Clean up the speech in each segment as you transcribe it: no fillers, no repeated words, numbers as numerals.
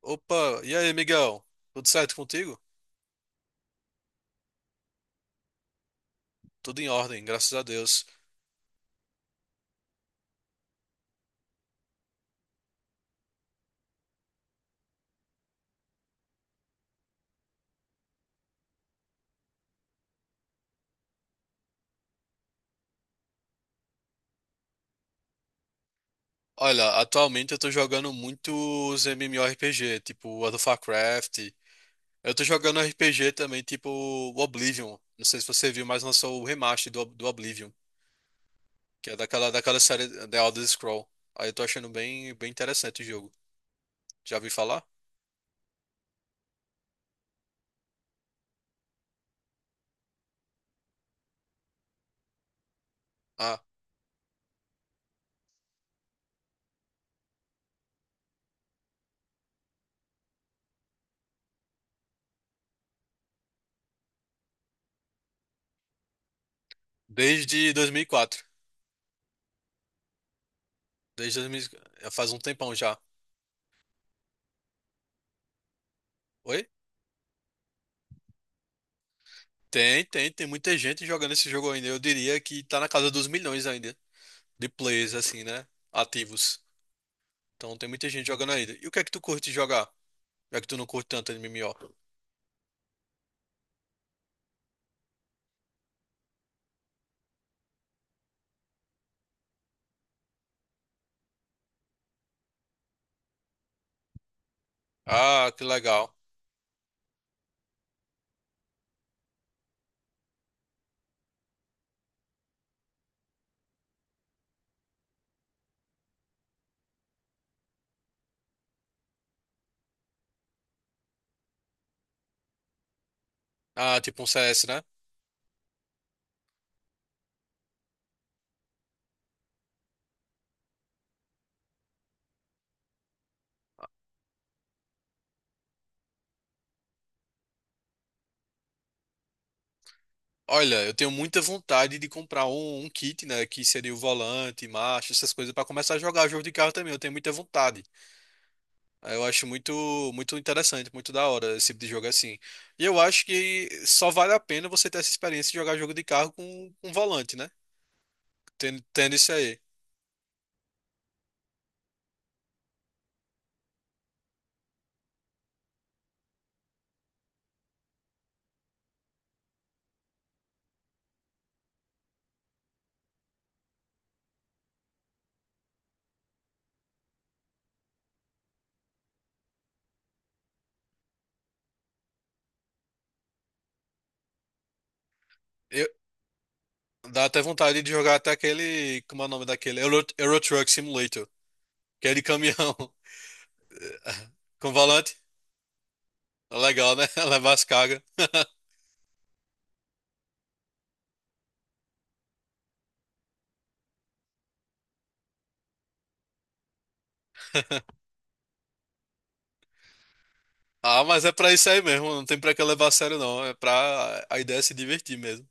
Opa, e aí, Miguel? Tudo certo contigo? Tudo em ordem, graças a Deus. Olha, atualmente eu tô jogando muitos MMORPG, tipo World of Warcraft. Eu tô jogando RPG também, tipo Oblivion. Não sei se você viu, mas lançou o remaster do Oblivion, que é daquela série The Elder Scroll. Aí eu tô achando bem interessante o jogo. Já ouvi falar? Ah, desde 2004. Desde 2000, faz um tempão já. Oi? Tem, tem muita gente jogando esse jogo ainda. Eu diria que tá na casa dos milhões ainda, de players, assim, né? Ativos. Então tem muita gente jogando ainda. E o que é que tu curte jogar? Já que tu não curte tanto MMO. Ah, que legal. Ah, tipo um CS, né? Olha, eu tenho muita vontade de comprar um kit, né? Que seria o volante, marcha, essas coisas, pra começar a jogar jogo de carro também. Eu tenho muita vontade. Ah, eu acho muito interessante, muito da hora esse tipo de jogo assim. E eu acho que só vale a pena você ter essa experiência de jogar jogo de carro com volante, né? Tendo, tendo isso aí. Eu, Dá até vontade de jogar até aquele. Como é o nome daquele? Euro, Euro Truck Simulator. Que é de caminhão. Com volante. Legal, né? Levar as cargas. Ah, mas é pra isso aí mesmo. Não tem pra que levar a sério, não. É pra. A ideia é se divertir mesmo.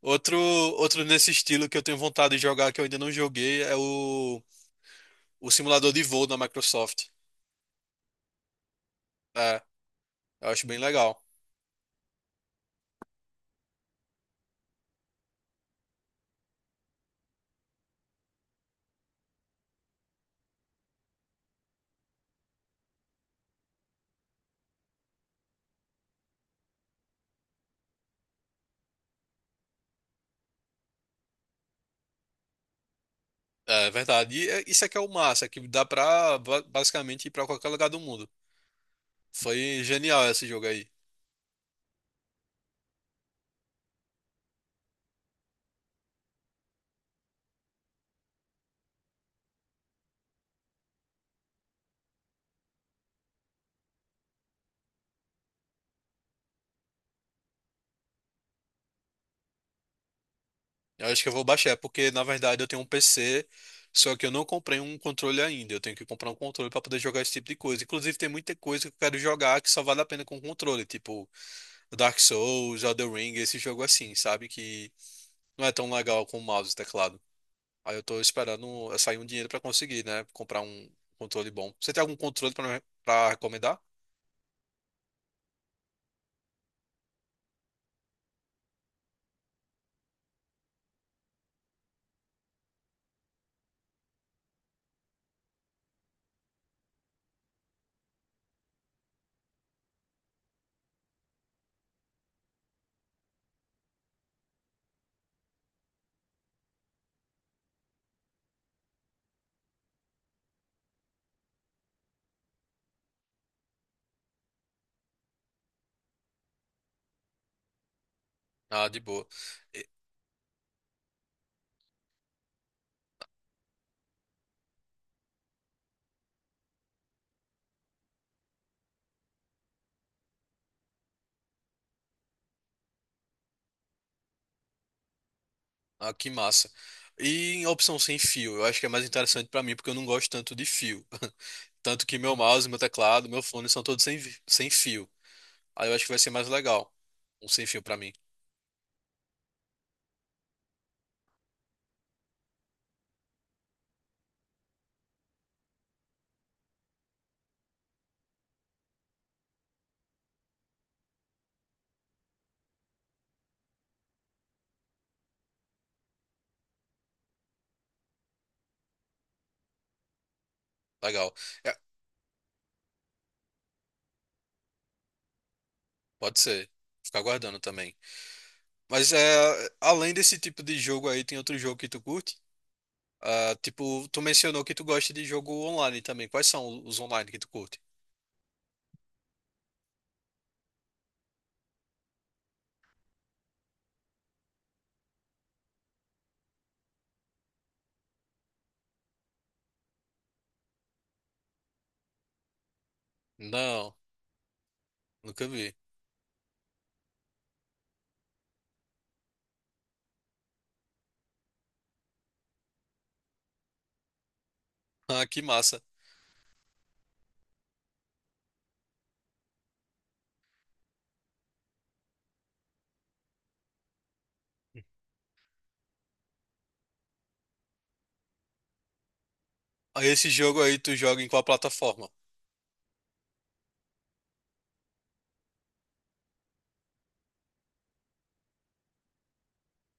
Outro, outro nesse estilo que eu tenho vontade de jogar que eu ainda não joguei é o simulador de voo da Microsoft. É, eu acho bem legal. É verdade. E isso é que é o massa, é que dá pra basicamente ir pra qualquer lugar do mundo. Foi genial esse jogo aí. Eu acho que eu vou baixar, é porque na verdade eu tenho um PC, só que eu não comprei um controle ainda. Eu tenho que comprar um controle para poder jogar esse tipo de coisa. Inclusive, tem muita coisa que eu quero jogar que só vale a pena com controle, tipo Dark Souls, Elden Ring, esse jogo assim, sabe? Que não é tão legal com o mouse e teclado. Aí eu tô esperando sair um dinheiro para conseguir, né? Comprar um controle bom. Você tem algum controle para recomendar? Ah, de boa. E- Ah, que massa. E em opção sem fio, eu acho que é mais interessante para mim, porque eu não gosto tanto de fio. Tanto que meu mouse, meu teclado, meu fone são todos sem fio. Aí eu acho que vai ser mais legal. Um sem fio pra mim. Legal. É, pode ser. Ficar aguardando também. Mas é, além desse tipo de jogo aí, tem outro jogo que tu curte? Ah, tipo, tu mencionou que tu gosta de jogo online também. Quais são os online que tu curte? Não, nunca vi. Ah, que massa. Ah, esse jogo aí tu joga em qual plataforma?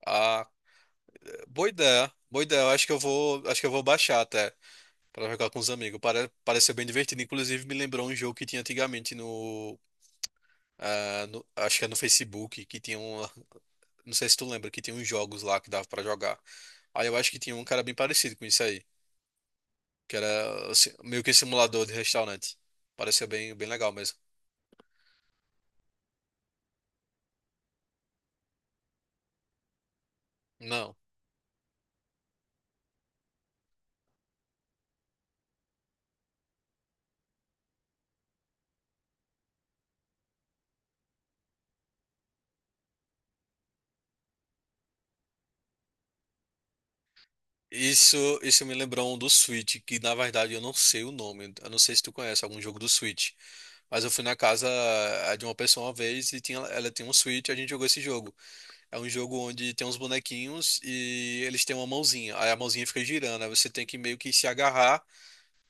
Ah, boa ideia. Boa ideia. Eu acho que eu vou, acho que eu vou baixar até. Pra jogar com os amigos. Pareceu bem divertido. Inclusive, me lembrou um jogo que tinha antigamente no Acho que é no Facebook, que tinha um. Não sei se tu lembra, que tinha uns jogos lá que dava pra jogar. Aí eu acho que tinha um cara bem parecido com isso aí. Que era assim, meio que simulador de restaurante. Pareceu bem legal mesmo. Não. Isso, isso me lembrou um do Switch, que na verdade eu não sei o nome. Eu não sei se tu conhece algum jogo do Switch. Mas eu fui na casa de uma pessoa uma vez e tinha, ela tinha um Switch e a gente jogou esse jogo. É um jogo onde tem uns bonequinhos e eles têm uma mãozinha. Aí a mãozinha fica girando. Aí você tem que meio que se agarrar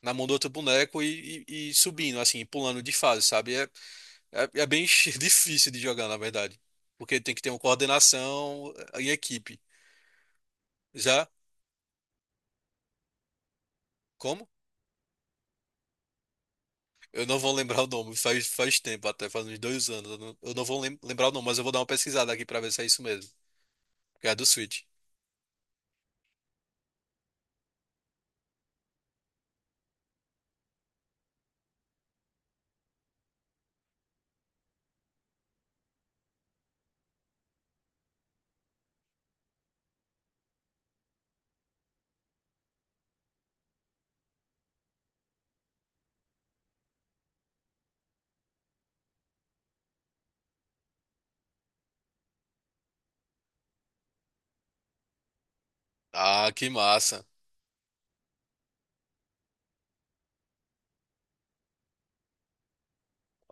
na mão do outro boneco e subindo, assim, pulando de fase, sabe? É bem difícil de jogar, na verdade. Porque tem que ter uma coordenação em equipe. Já? Como? Eu não vou lembrar o nome. Faz, faz tempo, até faz uns 2 anos. Eu não vou lembrar o nome, mas eu vou dar uma pesquisada aqui pra ver se é isso mesmo. Que é do Switch. Ah, que massa.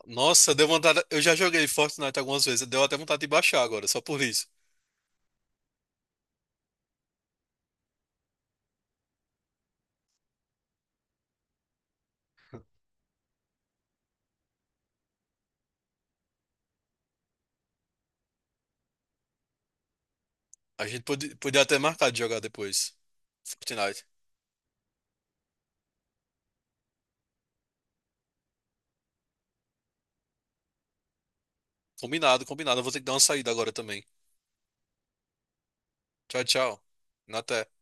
Nossa, deu vontade. Eu já joguei Fortnite algumas vezes, deu até vontade de baixar agora, só por isso. A gente podia até marcar de jogar depois. Fortnite. Combinado, combinado. Eu vou ter que dar uma saída agora também. Tchau, tchau. Até.